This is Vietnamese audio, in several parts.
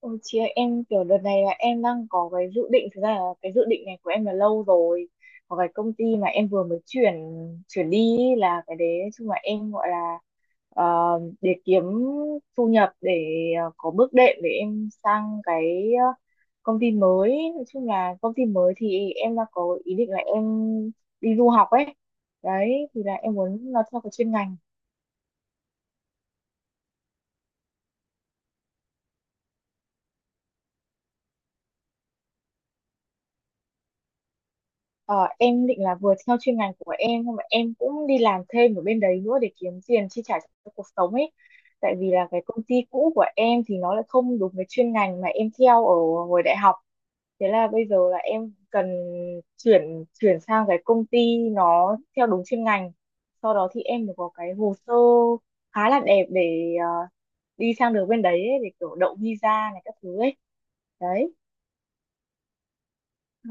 Ôi chị ơi, em kiểu đợt này là em đang có cái dự định, thực ra là cái dự định này của em là lâu rồi. Có cái công ty mà em vừa mới chuyển chuyển đi ý, là cái đấy nói chung là em gọi là ờ, để kiếm thu nhập để có bước đệm để em sang cái công ty mới. Nói chung là công ty mới thì em đang có ý định là em đi du học ấy. Đấy, thì là em muốn nó theo cái chuyên ngành. Ờ, em định là vừa theo chuyên ngành của em nhưng mà em cũng đi làm thêm ở bên đấy nữa để kiếm tiền chi trả cho cuộc sống ấy. Tại vì là cái công ty cũ của em thì nó lại không đúng với chuyên ngành mà em theo ở hồi đại học. Thế là bây giờ là em cần chuyển chuyển sang cái công ty nó theo đúng chuyên ngành. Sau đó thì em mới có cái hồ sơ khá là đẹp để đi sang được bên đấy ấy, để kiểu đậu visa này các thứ ấy. Đấy. Ừ.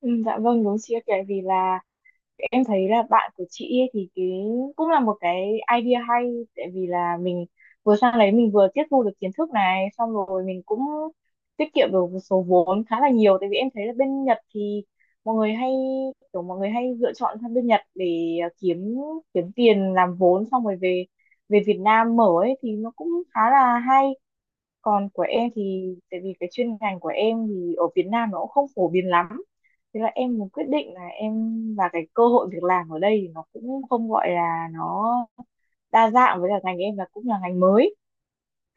Ừ, dạ vâng đúng chị ạ, tại vì là em thấy là bạn của chị ấy thì cái cũng là một cái idea hay, tại vì là mình vừa sang đấy mình vừa tiếp thu được kiến thức này, xong rồi mình cũng tiết kiệm được một số vốn khá là nhiều. Tại vì em thấy là bên Nhật thì mọi người hay kiểu mọi người hay lựa chọn sang bên Nhật để kiếm kiếm tiền làm vốn xong rồi về về Việt Nam mở ấy, thì nó cũng khá là hay. Còn của em thì tại vì cái chuyên ngành của em thì ở Việt Nam nó cũng không phổ biến lắm, thế là em muốn quyết định là em và cái cơ hội việc làm ở đây thì nó cũng không gọi là nó đa dạng, với cả ngành em là cũng là ngành mới.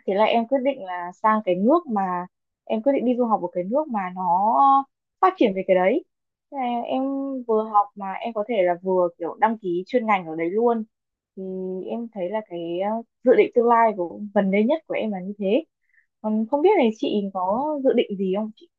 Thế là em quyết định là sang cái nước mà em quyết định đi du học ở cái nước mà nó phát triển về cái đấy. Thế là em vừa học mà em có thể là vừa kiểu đăng ký chuyên ngành ở đấy luôn, thì em thấy là cái dự định tương lai của gần đây nhất của em là như thế. Còn không biết là chị có dự định gì không chị?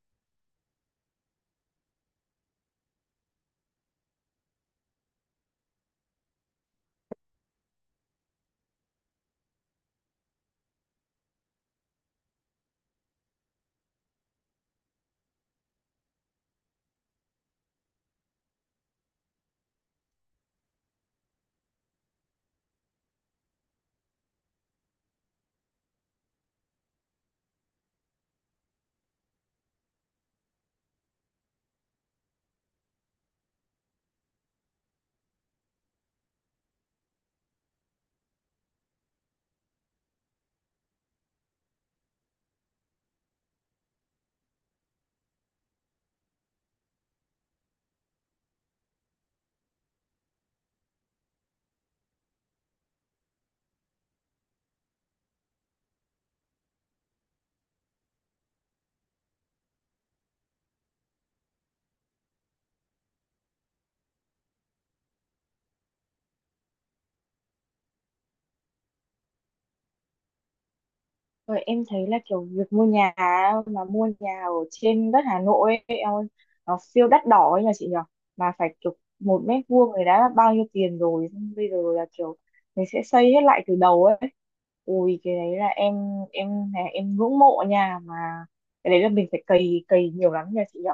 Rồi em thấy là kiểu việc mua nhà á, mà mua nhà ở trên đất Hà Nội ấy, em ơi, nó siêu đắt đỏ ấy nhờ chị nhở, mà phải kiểu một mét vuông này đã bao nhiêu tiền rồi, xong bây giờ là kiểu mình sẽ xây hết lại từ đầu ấy. Ui cái đấy là em là em ngưỡng mộ nhà mà, cái đấy là mình phải cày cày nhiều lắm nhờ chị nhở.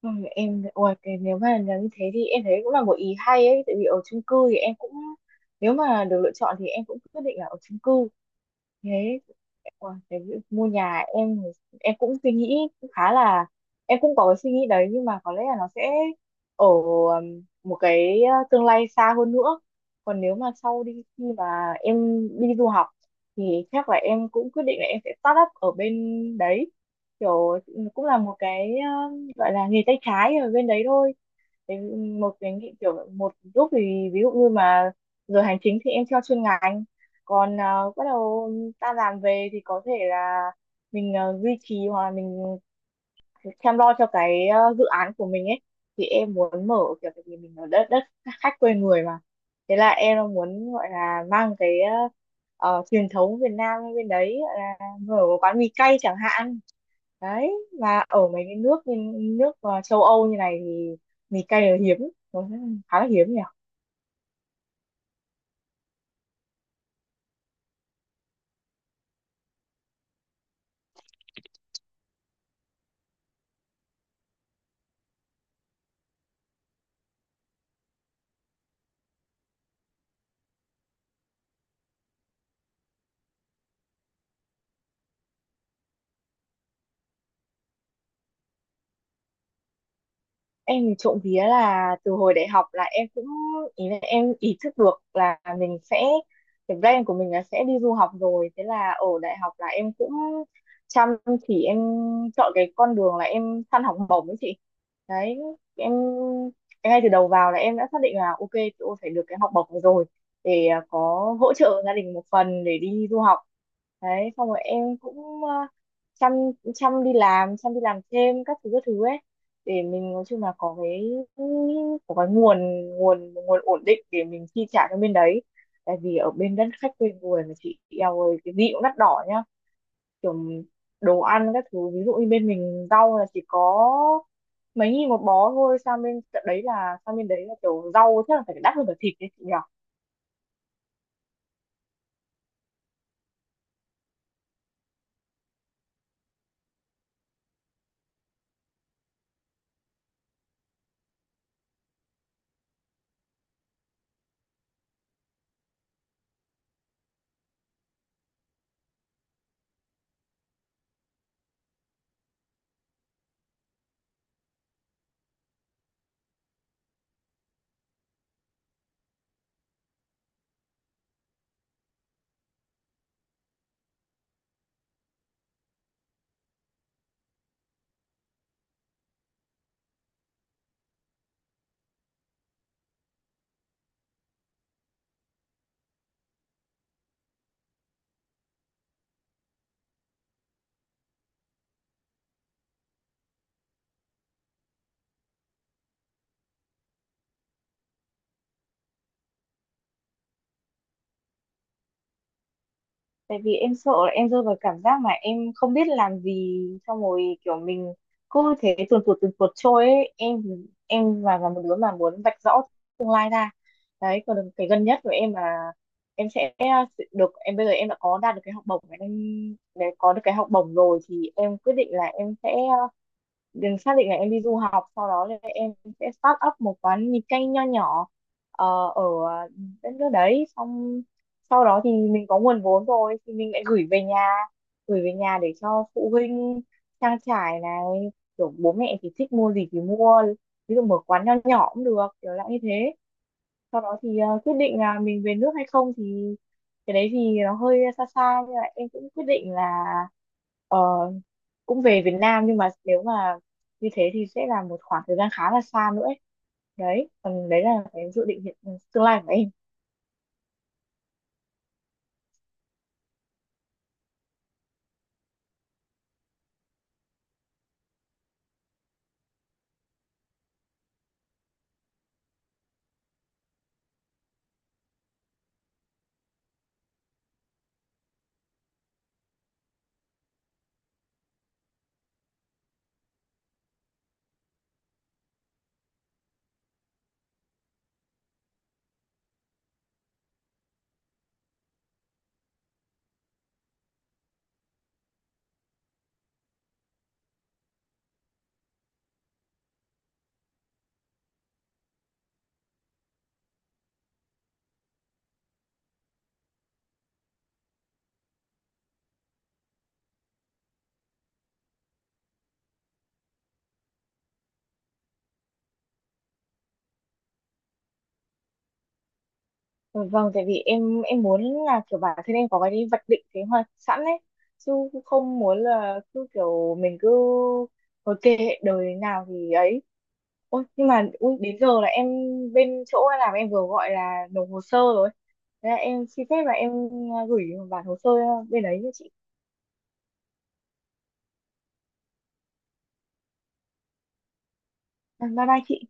Ừ, em ôi cái nếu mà là như thế thì em thấy cũng là một ý hay ấy, tại vì ở chung cư thì em cũng nếu mà được lựa chọn thì em cũng quyết định là ở chung cư thế. Ủa, cái việc mua nhà em cũng suy nghĩ cũng khá là em cũng có cái suy nghĩ đấy, nhưng mà có lẽ là nó sẽ ở một cái tương lai xa hơn nữa. Còn nếu mà sau đi khi mà em đi du học thì chắc là em cũng quyết định là em sẽ start up ở bên đấy, kiểu cũng là một cái gọi là nghề tay trái ở bên đấy thôi. Cái một cái nghị kiểu một lúc thì ví dụ như mà giờ hành chính thì em theo chuyên ngành, còn bắt đầu ta làm về thì có thể là mình duy trì hoặc là mình chăm lo cho cái dự án của mình ấy, thì em muốn mở kiểu, tại vì mình ở đất đất khách quê người mà. Thế là em muốn gọi là mang cái truyền thống Việt Nam bên đấy, gọi là mở một quán mì cay chẳng hạn. Đấy mà ở mấy cái nước như, nước châu Âu như này thì mì cay là hiếm, nó khá là hiếm nhỉ. Em thì trộm vía là từ hồi đại học là em cũng ý là em ý thức được là mình sẽ cái plan của mình là sẽ đi du học rồi, thế là ở đại học là em cũng chăm chỉ em chọn cái con đường là em săn học bổng ấy chị. Đấy em ngay từ đầu vào là em đã xác định là ok, tôi phải được cái học bổng này rồi để có hỗ trợ gia đình một phần để đi du học. Đấy xong rồi em cũng chăm chăm đi làm thêm các thứ ấy, để mình nói chung là có cái nguồn nguồn nguồn ổn định để mình chi trả cho bên đấy. Tại vì ở bên đất khách quê người mà chị, eo ơi cái gì cũng đắt đỏ nhá, kiểu đồ ăn các thứ. Ví dụ như bên mình rau là chỉ có mấy nghìn một bó thôi, sang bên tận đấy là sang bên đấy là kiểu rau chắc là phải đắt hơn cả thịt đấy chị nhỉ. Tại vì em sợ là em rơi vào cảm giác mà em không biết làm gì, xong rồi kiểu mình cứ thế tuần tuột trôi ấy em. Em và là một đứa mà muốn vạch rõ tương lai ra. Đấy còn cái gần nhất của em là em sẽ được em bây giờ em đã có đạt được cái học bổng em, để có được cái học bổng rồi thì em quyết định là em sẽ đừng xác định là em đi du học, sau đó là em sẽ start up một quán mì canh nho nhỏ, ờ, ở đất nước đấy. Xong sau đó thì mình có nguồn vốn rồi thì mình lại gửi về nhà để cho phụ huynh trang trải này, kiểu bố mẹ thì thích mua gì thì mua, ví dụ mở quán nho nhỏ cũng được kiểu dạng như thế. Sau đó thì quyết định là mình về nước hay không thì cái đấy thì nó hơi xa xa, nhưng mà em cũng quyết định là ờ, cũng về Việt Nam, nhưng mà nếu mà như thế thì sẽ là một khoảng thời gian khá là xa nữa ấy. Đấy còn đấy là cái dự định hiện ừ, tương lai của em. Ừ, vâng tại vì em muốn là kiểu bản thân em có cái đi vạch định kế hoạch sẵn ấy, chứ cũng không muốn là cứ kiểu mình cứ thôi kệ đời nào thì ấy. Ôi, nhưng mà ui, đến giờ là em bên chỗ em làm em vừa gọi là nộp hồ sơ rồi. Thế là em xin phép là em gửi bản hồ sơ bên đấy cho chị. À, bye bye chị.